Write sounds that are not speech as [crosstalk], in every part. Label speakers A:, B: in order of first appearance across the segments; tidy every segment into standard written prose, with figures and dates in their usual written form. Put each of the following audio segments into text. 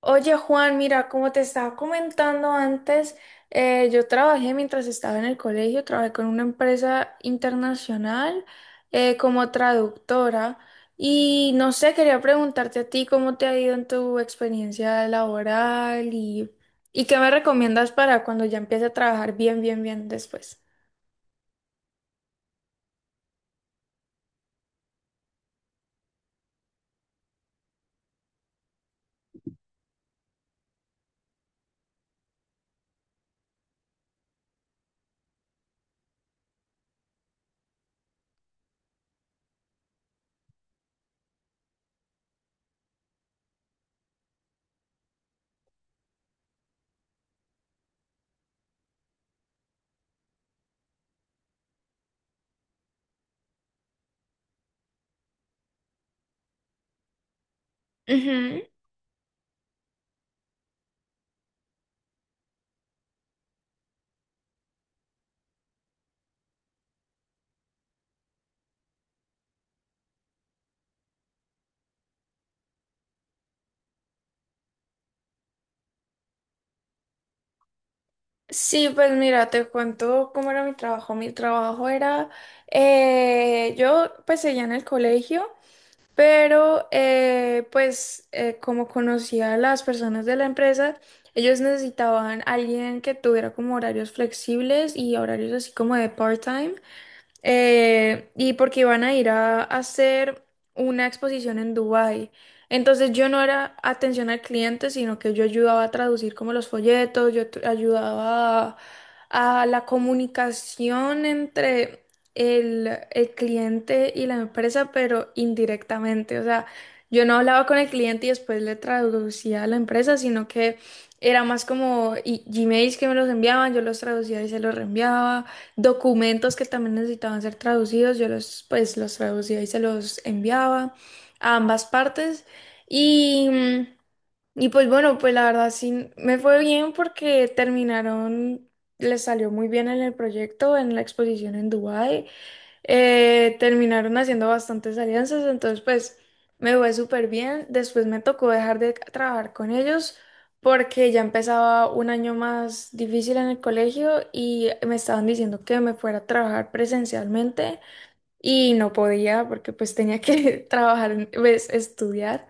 A: Oye Juan, mira, como te estaba comentando antes, yo trabajé mientras estaba en el colegio, trabajé con una empresa internacional como traductora y no sé, quería preguntarte a ti cómo te ha ido en tu experiencia laboral y qué me recomiendas para cuando ya empiece a trabajar bien, bien, bien después. Ujú. Sí, pues mira, te cuento cómo era mi trabajo. Mi trabajo era, yo pues seguía en el colegio. Pero, como conocía a las personas de la empresa, ellos necesitaban alguien que tuviera como horarios flexibles y horarios así como de part-time y porque iban a ir a hacer una exposición en Dubái. Entonces yo no era atención al cliente, sino que yo ayudaba a traducir como los folletos, ayudaba a la comunicación entre el cliente y la empresa, pero indirectamente. O sea, yo no hablaba con el cliente y después le traducía a la empresa, sino que era más como Gmails que me los enviaban, yo los traducía y se los reenviaba documentos que también necesitaban ser traducidos, yo los pues los traducía y se los enviaba a ambas partes y mm, y pues bueno, pues la verdad sí me fue bien porque terminaron, les salió muy bien en el proyecto, en la exposición en Dubái. Terminaron haciendo bastantes alianzas, entonces pues me fue súper bien. Después me tocó dejar de trabajar con ellos porque ya empezaba un año más difícil en el colegio y me estaban diciendo que me fuera a trabajar presencialmente y no podía porque pues tenía que [laughs] trabajar, pues, estudiar.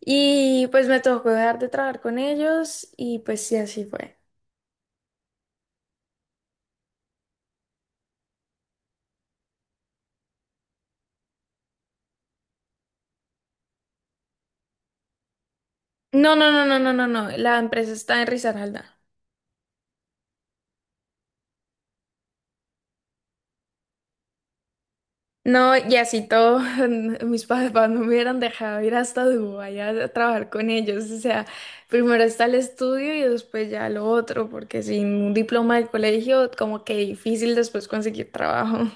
A: Y pues me tocó dejar de trabajar con ellos y pues sí, así fue. No, no, no, no, no, no, no. La empresa está en Risaralda. No, y así todo, [laughs] mis papás no me hubieran dejado ir hasta Dubái a trabajar con ellos. O sea, primero está el estudio y después ya lo otro, porque sin un diploma del colegio, como que difícil después conseguir trabajo.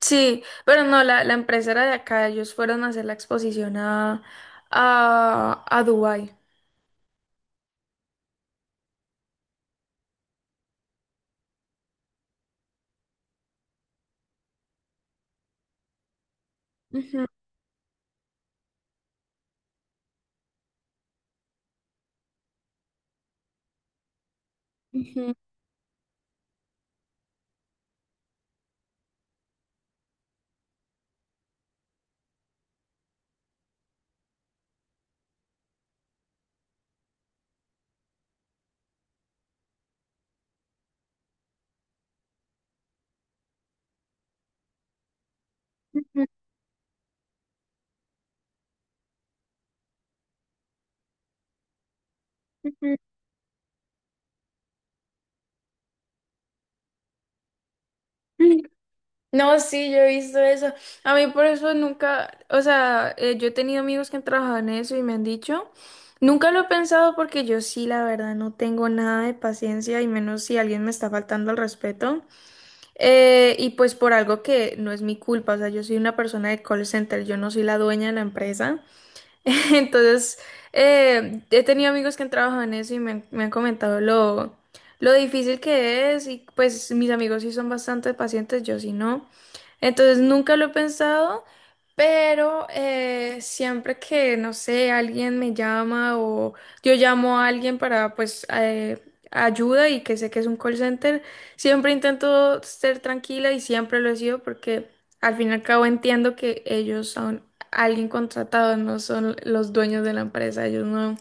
A: Sí, pero no, la empresa era de acá, ellos fueron a hacer la exposición a Dubái. Ujú, ujú, ujú, ujú. No, sí, yo he visto eso. A mí por eso nunca, o sea, yo he tenido amigos que han trabajado en eso y me han dicho, nunca lo he pensado porque yo sí, la verdad, no tengo nada de paciencia y menos si alguien me está faltando al respeto. Y pues por algo que no es mi culpa, o sea, yo soy una persona de call center, yo no soy la dueña de la empresa. [laughs] Entonces, he tenido amigos que han trabajado en eso y me han comentado lo difícil que es y pues mis amigos sí son bastante pacientes, yo sí no. Entonces, nunca lo he pensado, pero siempre que, no sé, alguien me llama o yo llamo a alguien para pues, ayuda y que sé que es un call center, siempre intento ser tranquila y siempre lo he sido porque... Al fin y al cabo entiendo que ellos son- alguien contratado, no son los dueños de la empresa, ellos no,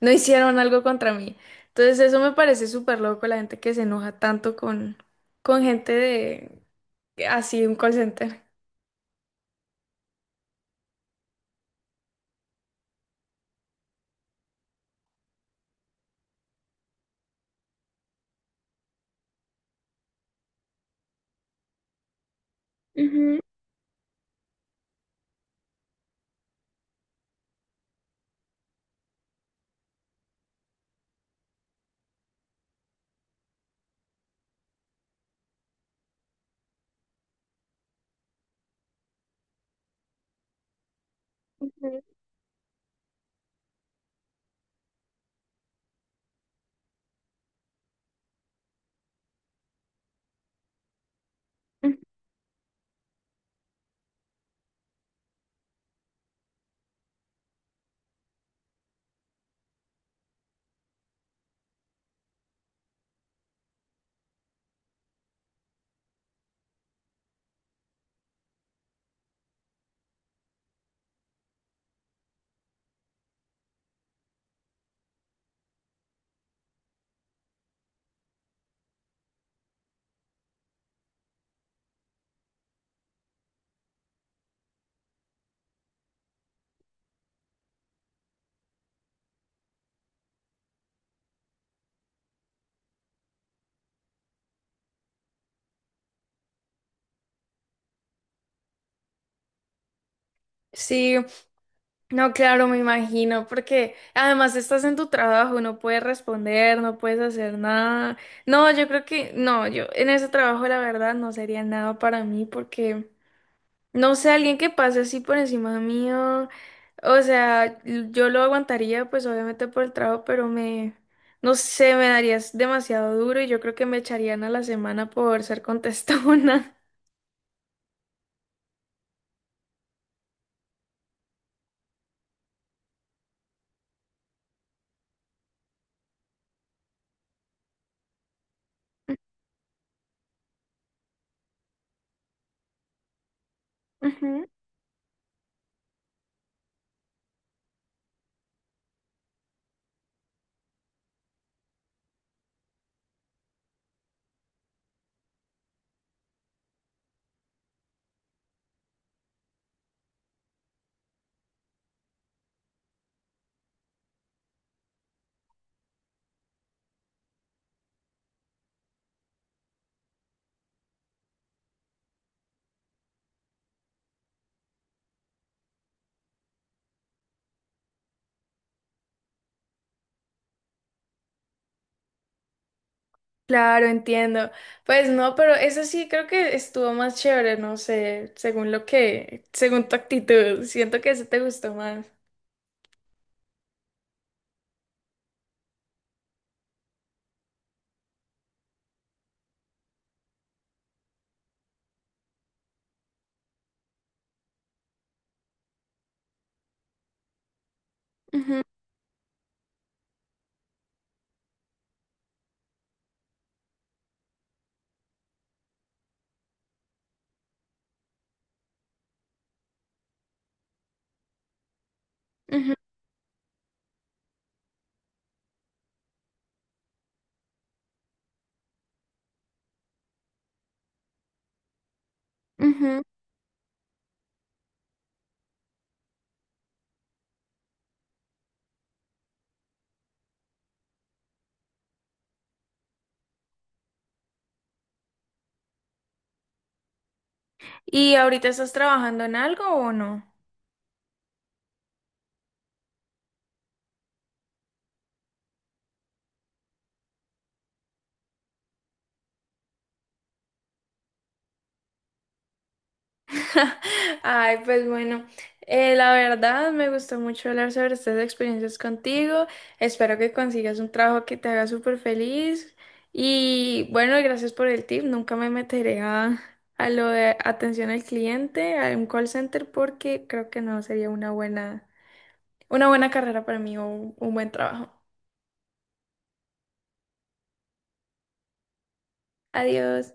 A: no hicieron algo contra mí. Entonces eso me parece súper loco, la gente que se enoja tanto con gente de así, un call center. Ujú, ujú, ujú. Sí, no, claro, me imagino, porque además estás en tu trabajo, no puedes responder, no puedes hacer nada. No, yo creo que no, yo en ese trabajo la verdad no sería nada para mí porque... No sé, alguien que pase así por encima mío, o sea, yo lo aguantaría, pues obviamente por el trabajo, pero me, no sé, me darías demasiado duro y yo creo que me echarían a la semana por ser contestona. [laughs] Ujú. Claro, entiendo. Pues no, pero eso sí creo que estuvo más chévere, no sé, según lo que, según tu actitud, siento que ese te gustó más. Ujú, ujú, ujú. ¿Y ahorita estás trabajando en algo o no? [laughs] Ay, pues bueno, la verdad me gustó mucho hablar sobre estas experiencias contigo. Espero que consigas un trabajo que te haga súper feliz. Y bueno, gracias por el tip. Nunca me meteré a lo de atención al cliente, a un call center, porque creo que no sería una buena carrera para mí o un buen trabajo. Adiós.